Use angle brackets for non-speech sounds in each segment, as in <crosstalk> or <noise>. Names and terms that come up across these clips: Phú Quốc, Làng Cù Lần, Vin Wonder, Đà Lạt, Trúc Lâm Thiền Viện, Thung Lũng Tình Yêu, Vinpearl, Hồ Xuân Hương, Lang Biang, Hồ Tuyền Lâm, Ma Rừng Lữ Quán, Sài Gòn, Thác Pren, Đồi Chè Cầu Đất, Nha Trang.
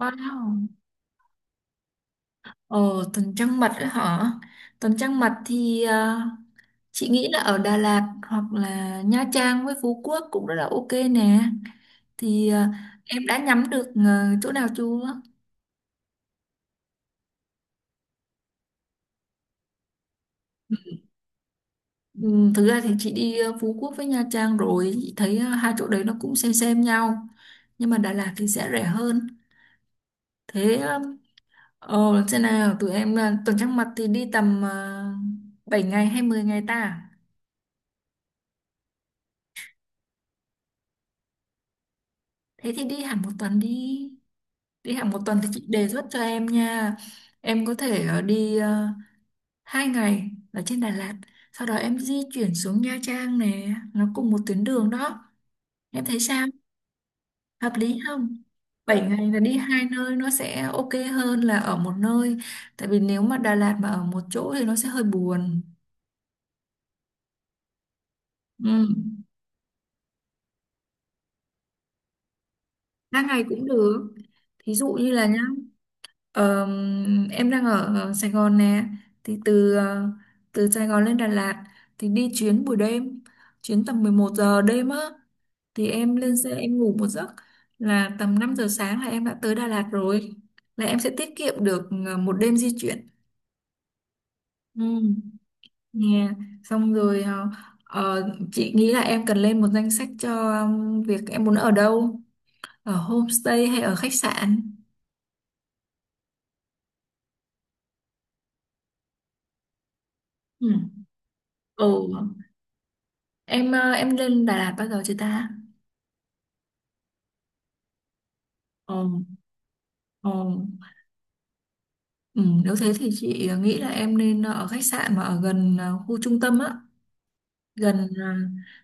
Wow. Ồ, tuần trăng mật ấy hả? Tuần trăng mật thì chị nghĩ là ở Đà Lạt hoặc là Nha Trang với Phú Quốc cũng rất là ok nè. Thì em đã nhắm được chỗ nào chưa? Ừ, thực ra thì chị đi Phú Quốc với Nha Trang rồi, chị thấy hai chỗ đấy nó cũng xem nhau. Nhưng mà Đà Lạt thì sẽ rẻ hơn. Thế ờ, Thế nào tụi em tuần trăng mật thì đi tầm 7 ngày hay 10 ngày ta? Thế thì đi hẳn 1 tuần đi. Đi hẹn 1 tuần thì chị đề xuất cho em nha. Em có thể đi 2 ngày ở trên Đà Lạt, sau đó em di chuyển xuống Nha Trang nè, nó cùng một tuyến đường đó. Em thấy sao? Hợp lý không? 7 ngày là đi hai nơi nó sẽ ok hơn là ở một nơi. Tại vì nếu mà Đà Lạt mà ở một chỗ thì nó sẽ hơi buồn. Ừ. 3 ngày cũng được. Thí dụ như là nhá. Ờ, em đang ở Sài Gòn nè, thì từ Sài Gòn lên Đà Lạt thì đi chuyến buổi đêm, chuyến tầm 11 giờ đêm á, thì em lên xe em ngủ một giấc, là tầm 5 giờ sáng là em đã tới Đà Lạt rồi, là em sẽ tiết kiệm được 1 đêm di chuyển. Ừ. Nè, xong rồi, chị nghĩ là em cần lên một danh sách cho việc em muốn ở đâu, ở homestay hay ở khách sạn. Ừ. Ồ, em em lên Đà Lạt bao giờ chưa ta? Ờ, ờ. Ừ, nếu thế thì chị nghĩ là em nên ở khách sạn mà ở gần khu trung tâm á, gần à,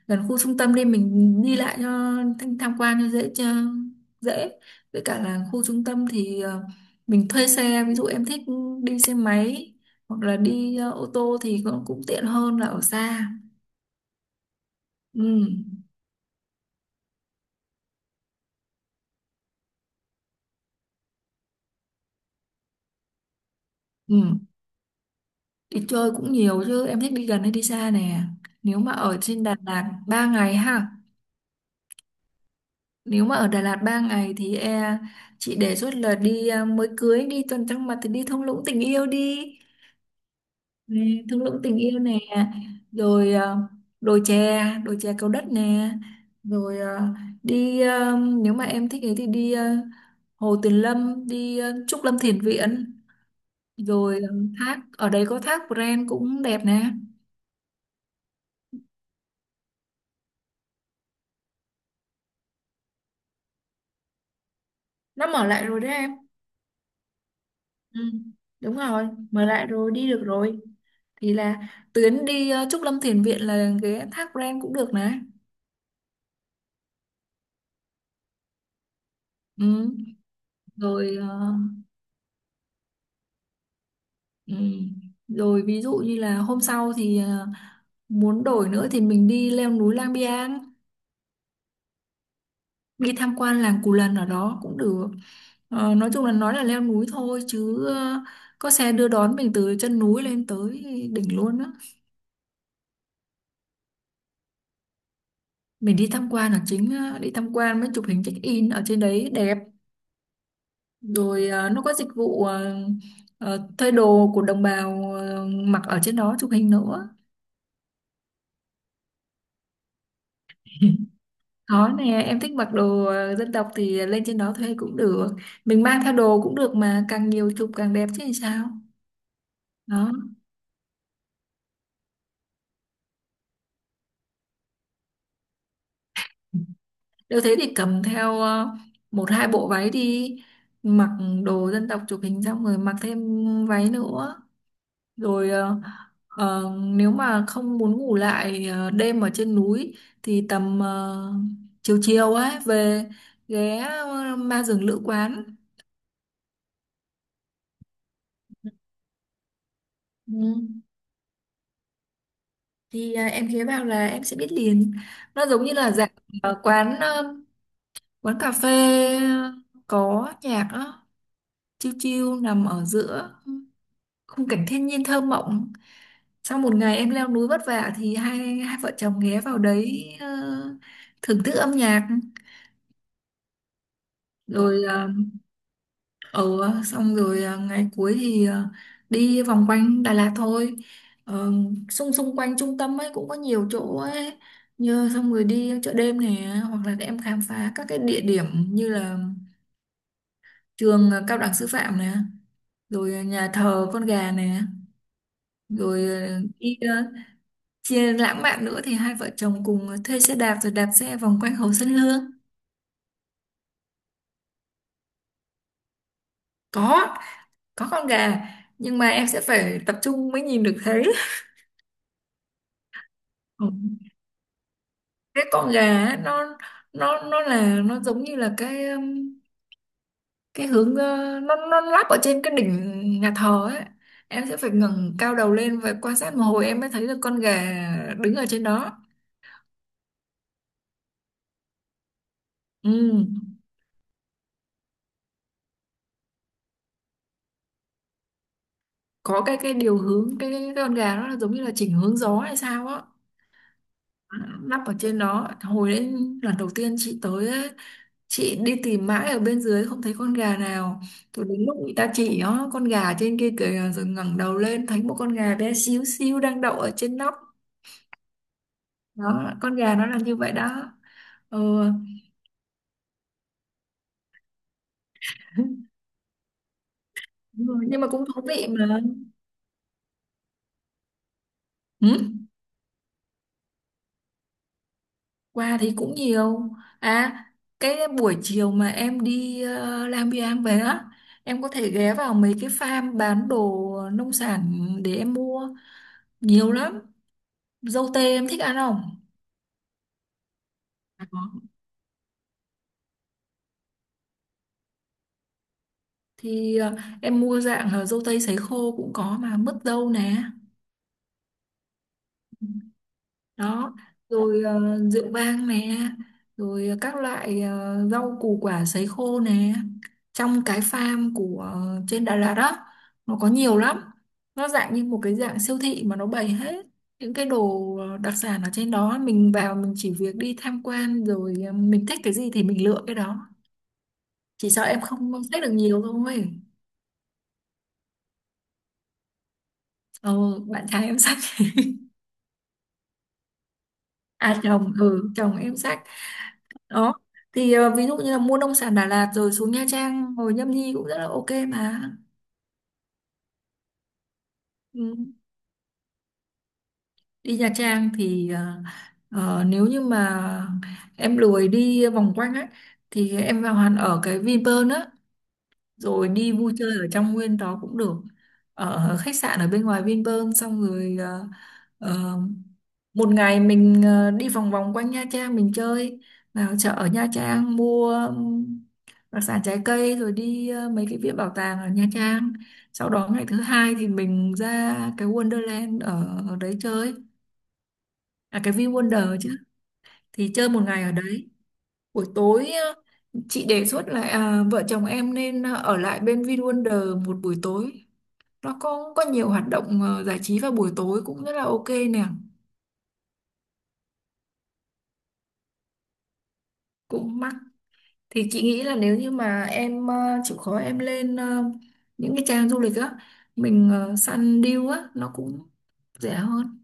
gần khu trung tâm đi mình đi lại cho tham tham quan cho dễ. Với cả là khu trung tâm thì mình thuê xe, ví dụ em thích đi xe máy hoặc là đi ô tô thì cũng cũng tiện hơn là ở xa. Ừ. Ừ. Đi chơi cũng nhiều chứ, em thích đi gần hay đi xa nè? Nếu mà ở trên Đà Lạt 3 ngày ha Nếu mà ở Đà Lạt 3 ngày thì chị đề xuất là đi, mới cưới đi tuần trăng mật thì đi thung lũng tình yêu đi nè, thung lũng tình yêu nè, rồi đồi chè Cầu Đất nè, rồi đi à, nếu mà em thích ấy thì đi, Hồ Tuyền Lâm, đi Trúc Lâm Thiền Viện, rồi thác ở đấy có thác Pren cũng đẹp nè, nó mở lại rồi đấy em. Ừ, đúng rồi, mở lại rồi, đi được rồi. Thì là tuyến đi Trúc Lâm Thiền Viện là ghé Thác Pren cũng được nè. Ừ. Rồi ờ, ừ. Rồi ví dụ như là hôm sau thì muốn đổi nữa thì mình đi leo núi Lang Biang, đi tham quan làng Cù Lần ở đó cũng được. Nói chung là nói là leo núi thôi chứ có xe đưa đón mình từ chân núi lên tới đỉnh luôn á. Mình đi tham quan là chính, đi tham quan mới chụp hình check in ở trên đấy đẹp. Rồi nó có dịch vụ thuê đồ của đồng bào, mặc ở trên đó chụp hình nữa. <laughs> Có nè, em thích mặc đồ dân tộc thì lên trên đó thuê cũng được. Mình mang theo đồ cũng được mà, càng nhiều chụp càng đẹp chứ làm sao. Đó. Nếu thế thì cầm theo một hai bộ váy đi, mặc đồ dân tộc chụp hình xong rồi mặc thêm váy nữa. Rồi nếu mà không muốn ngủ lại đêm ở trên núi thì tầm chiều chiều ấy về ghé ma rừng lữ quán. Ừ. Thì em ghé vào là em sẽ biết liền. Nó giống như là dạng ờ, quán ờ, quán cà phê, ờ, có nhạc á, chill chill nằm ở giữa khung cảnh thiên nhiên thơ mộng. Sau một ngày em leo núi vất vả thì hai hai vợ chồng ghé vào đấy thưởng thức âm nhạc. Rồi ờ, Ừ, xong rồi ngày cuối thì đi vòng quanh Đà Lạt thôi. Ờ, xung xung quanh trung tâm ấy cũng có nhiều chỗ ấy. Như xong rồi đi chợ đêm này, hoặc là em khám phá các cái địa điểm như là trường cao đẳng sư phạm này, rồi nhà thờ con gà này, rồi chia lãng mạn nữa thì hai vợ chồng cùng thuê xe đạp rồi đạp xe vòng quanh Hồ Xuân Hương. Có, có con gà, nhưng mà em sẽ phải tập trung mới nhìn được thấy. Cái con gà ấy, nó là, nó giống như là cái, cái hướng nó lắp ở trên cái đỉnh nhà thờ ấy. Em sẽ phải ngẩng cao đầu lên và quan sát một hồi em mới thấy được con gà đứng ở trên đó. Ừ. Có cái điều hướng, cái con gà nó là giống như là chỉnh hướng gió hay sao á, lắp ở trên đó. Hồi đấy lần đầu tiên chị tới ấy, chị đi tìm mãi ở bên dưới không thấy con gà nào, thì đến lúc người ta chỉ nó con gà trên kia kìa, rồi ngẩng đầu lên thấy một con gà bé xíu xíu đang đậu ở trên nóc. Đó, con gà nó là như vậy đó. Ừ. <laughs> Đúng rồi, nhưng mà cũng thú vị mà. Ừ. Quà thì cũng nhiều, à cái buổi chiều mà em đi Lam Biang về á, em có thể ghé vào mấy cái farm bán đồ nông sản để em mua, nhiều lắm. Dâu tây em thích ăn không? Có. Thì em mua dạng là dâu tây sấy khô cũng có, mà mứt dâu nè. Đó. Rồi rượu vang nè, rồi các loại rau củ quả sấy khô nè. Trong cái farm của trên Đà Lạt đó, nó có nhiều lắm, nó dạng như một cái dạng siêu thị mà nó bày hết những cái đồ đặc sản ở trên đó, mình vào mình chỉ việc đi tham quan rồi mình thích cái gì thì mình lựa cái đó. Chỉ sợ em không xách được nhiều thôi. Ờ Bạn trai em xách. À chồng, ừ, chồng em xách. Đó, thì ví dụ như là mua nông sản Đà Lạt rồi xuống Nha Trang, hồi Nhâm Nhi cũng rất là ok mà. Ừ. Đi Nha Trang thì nếu như mà em lười đi vòng quanh ấy, thì em vào hẳn ở cái Vinpearl á, rồi đi vui chơi ở trong nguyên đó cũng được. Ở khách sạn ở bên ngoài Vinpearl, xong rồi ờ, một ngày mình đi vòng vòng quanh Nha Trang mình chơi, vào chợ ở Nha Trang mua đặc sản trái cây, rồi đi mấy cái viện bảo tàng ở Nha Trang. Sau đó ngày thứ hai thì mình ra cái Wonderland ở đấy chơi, à cái Vin Wonder chứ, thì chơi một ngày ở đấy. Buổi tối chị đề xuất là, vợ chồng em nên ở lại bên Vin Wonder một buổi tối, nó có nhiều hoạt động giải trí vào buổi tối cũng rất là ok nè. Cũng mắc. Thì chị nghĩ là nếu như mà em chịu khó em lên những cái trang du lịch á, mình săn deal á nó cũng rẻ hơn.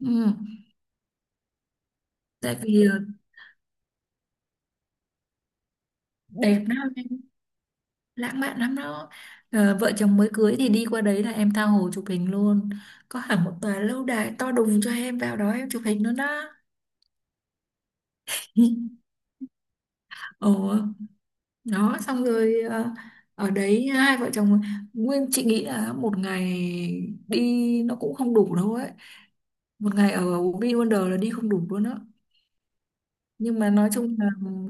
Ừ. Tại vì đẹp lắm em, lãng mạn lắm đó. Ờ, vợ chồng mới cưới thì đi qua đấy là em tha hồ chụp hình luôn, có hẳn một tòa lâu đài to đùng cho em vào đó em chụp hình luôn đó. <laughs> Ồ. Đó, xong rồi ở đấy hai vợ chồng nguyên, chị nghĩ là một ngày đi nó cũng không đủ đâu ấy, một ngày ở Ubi Wonder là đi không đủ luôn á. Nhưng mà nói chung là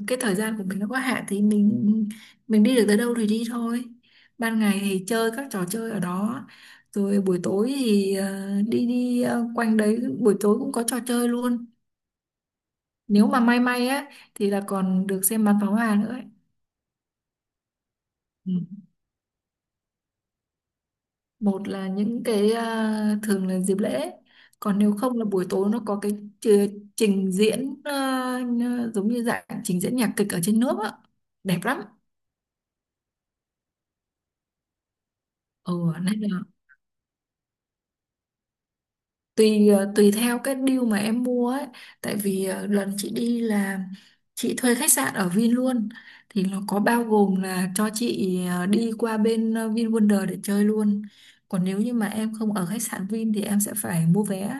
cái thời gian của mình nó có hạn, thì mình đi được tới đâu thì đi thôi. Ban ngày thì chơi các trò chơi ở đó, rồi buổi tối thì ờ, đi đi ờ, quanh đấy, buổi tối cũng có trò chơi luôn. Nếu mà may may á thì là còn được xem bắn pháo hoa nữa ấy. Ừ. Một là những cái, thường là dịp lễ, còn nếu không là buổi tối nó có cái chi- trình diễn, giống như dạng trình diễn nhạc kịch ở trên nước á, đẹp lắm. Ừ. Nên là tùy, tùy theo cái deal mà em mua ấy. Tại vì lần chị đi là chị thuê khách sạn ở Vin luôn, thì nó có bao gồm là cho chị, đi qua bên Vin Wonder để chơi luôn. Còn nếu như mà em không ở khách sạn Vin thì em sẽ phải mua vé.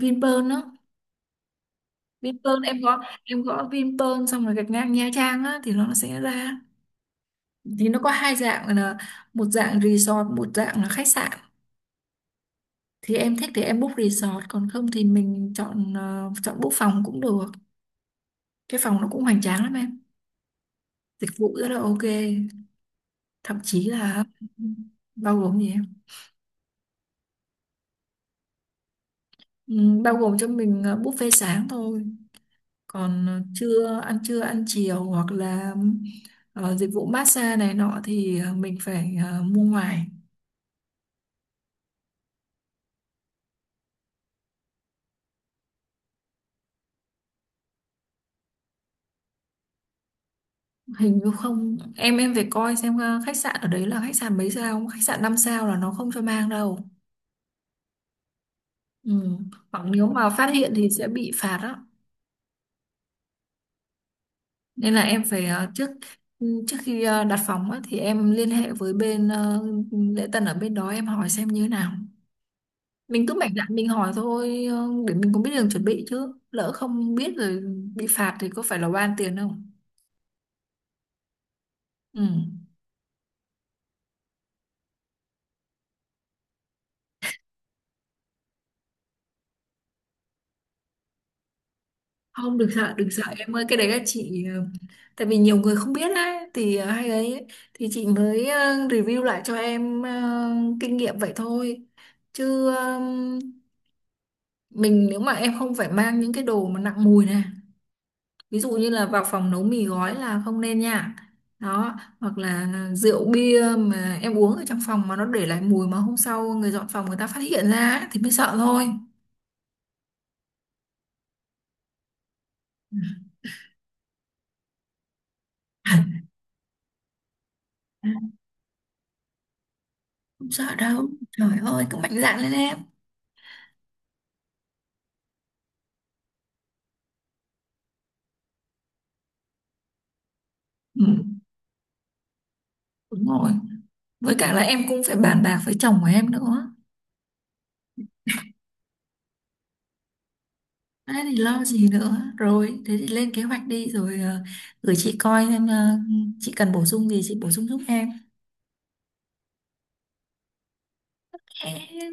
Vinpearl á. Vinpearl, em gõ Vinpearl xong rồi gạch ngang Nha Trang á thì nó sẽ ra. Thì nó có hai dạng là một dạng resort, một dạng là khách sạn. Thì em thích thì em book resort, còn không thì mình chọn book phòng cũng được. Cái phòng nó cũng hoành tráng lắm em, dịch vụ rất là ok, thậm chí là bao gồm gì em. Bao gồm cho mình buffet sáng thôi, còn trưa ăn, trưa ăn chiều hoặc là dịch vụ massage này nọ thì mình phải mua ngoài. Hình như không em phải coi xem khách sạn ở đấy là khách sạn mấy sao, khách sạn 5 sao là nó không cho mang đâu. Ừ. Hoặc nếu mà phát hiện thì sẽ bị phạt á. Nên là em phải trước, trước khi đặt phòng á, thì em liên hệ với bên lễ tân ở bên đó em hỏi xem như thế nào. Mình cứ mạnh dạn mình hỏi thôi, để mình cũng biết đường chuẩn bị, chứ lỡ không biết rồi bị phạt thì có phải là oan tiền không. Ừ. Không, đừng sợ đừng sợ em ơi, cái đấy là chị, tại vì nhiều người không biết á thì hay ấy ấy, thì chị mới review lại cho em kinh nghiệm vậy thôi, chứ mình, nếu mà em không phải mang những cái đồ mà nặng mùi này, ví dụ như là vào phòng nấu mì gói là không nên nha. Đó, hoặc là rượu bia mà em uống ở trong phòng mà nó để lại mùi, mà hôm sau người dọn phòng người ta phát hiện ra á, thì mới sợ thôi. <laughs> Không sợ đâu, trời ơi, cứ mạnh dạn lên em. Ừ, đúng rồi, với cả là em cũng phải bàn bạc với chồng của em nữa. Thế thì lo gì nữa, rồi thế thì lên kế hoạch đi, rồi gửi chị coi xem chị cần bổ sung gì chị bổ sung giúp em.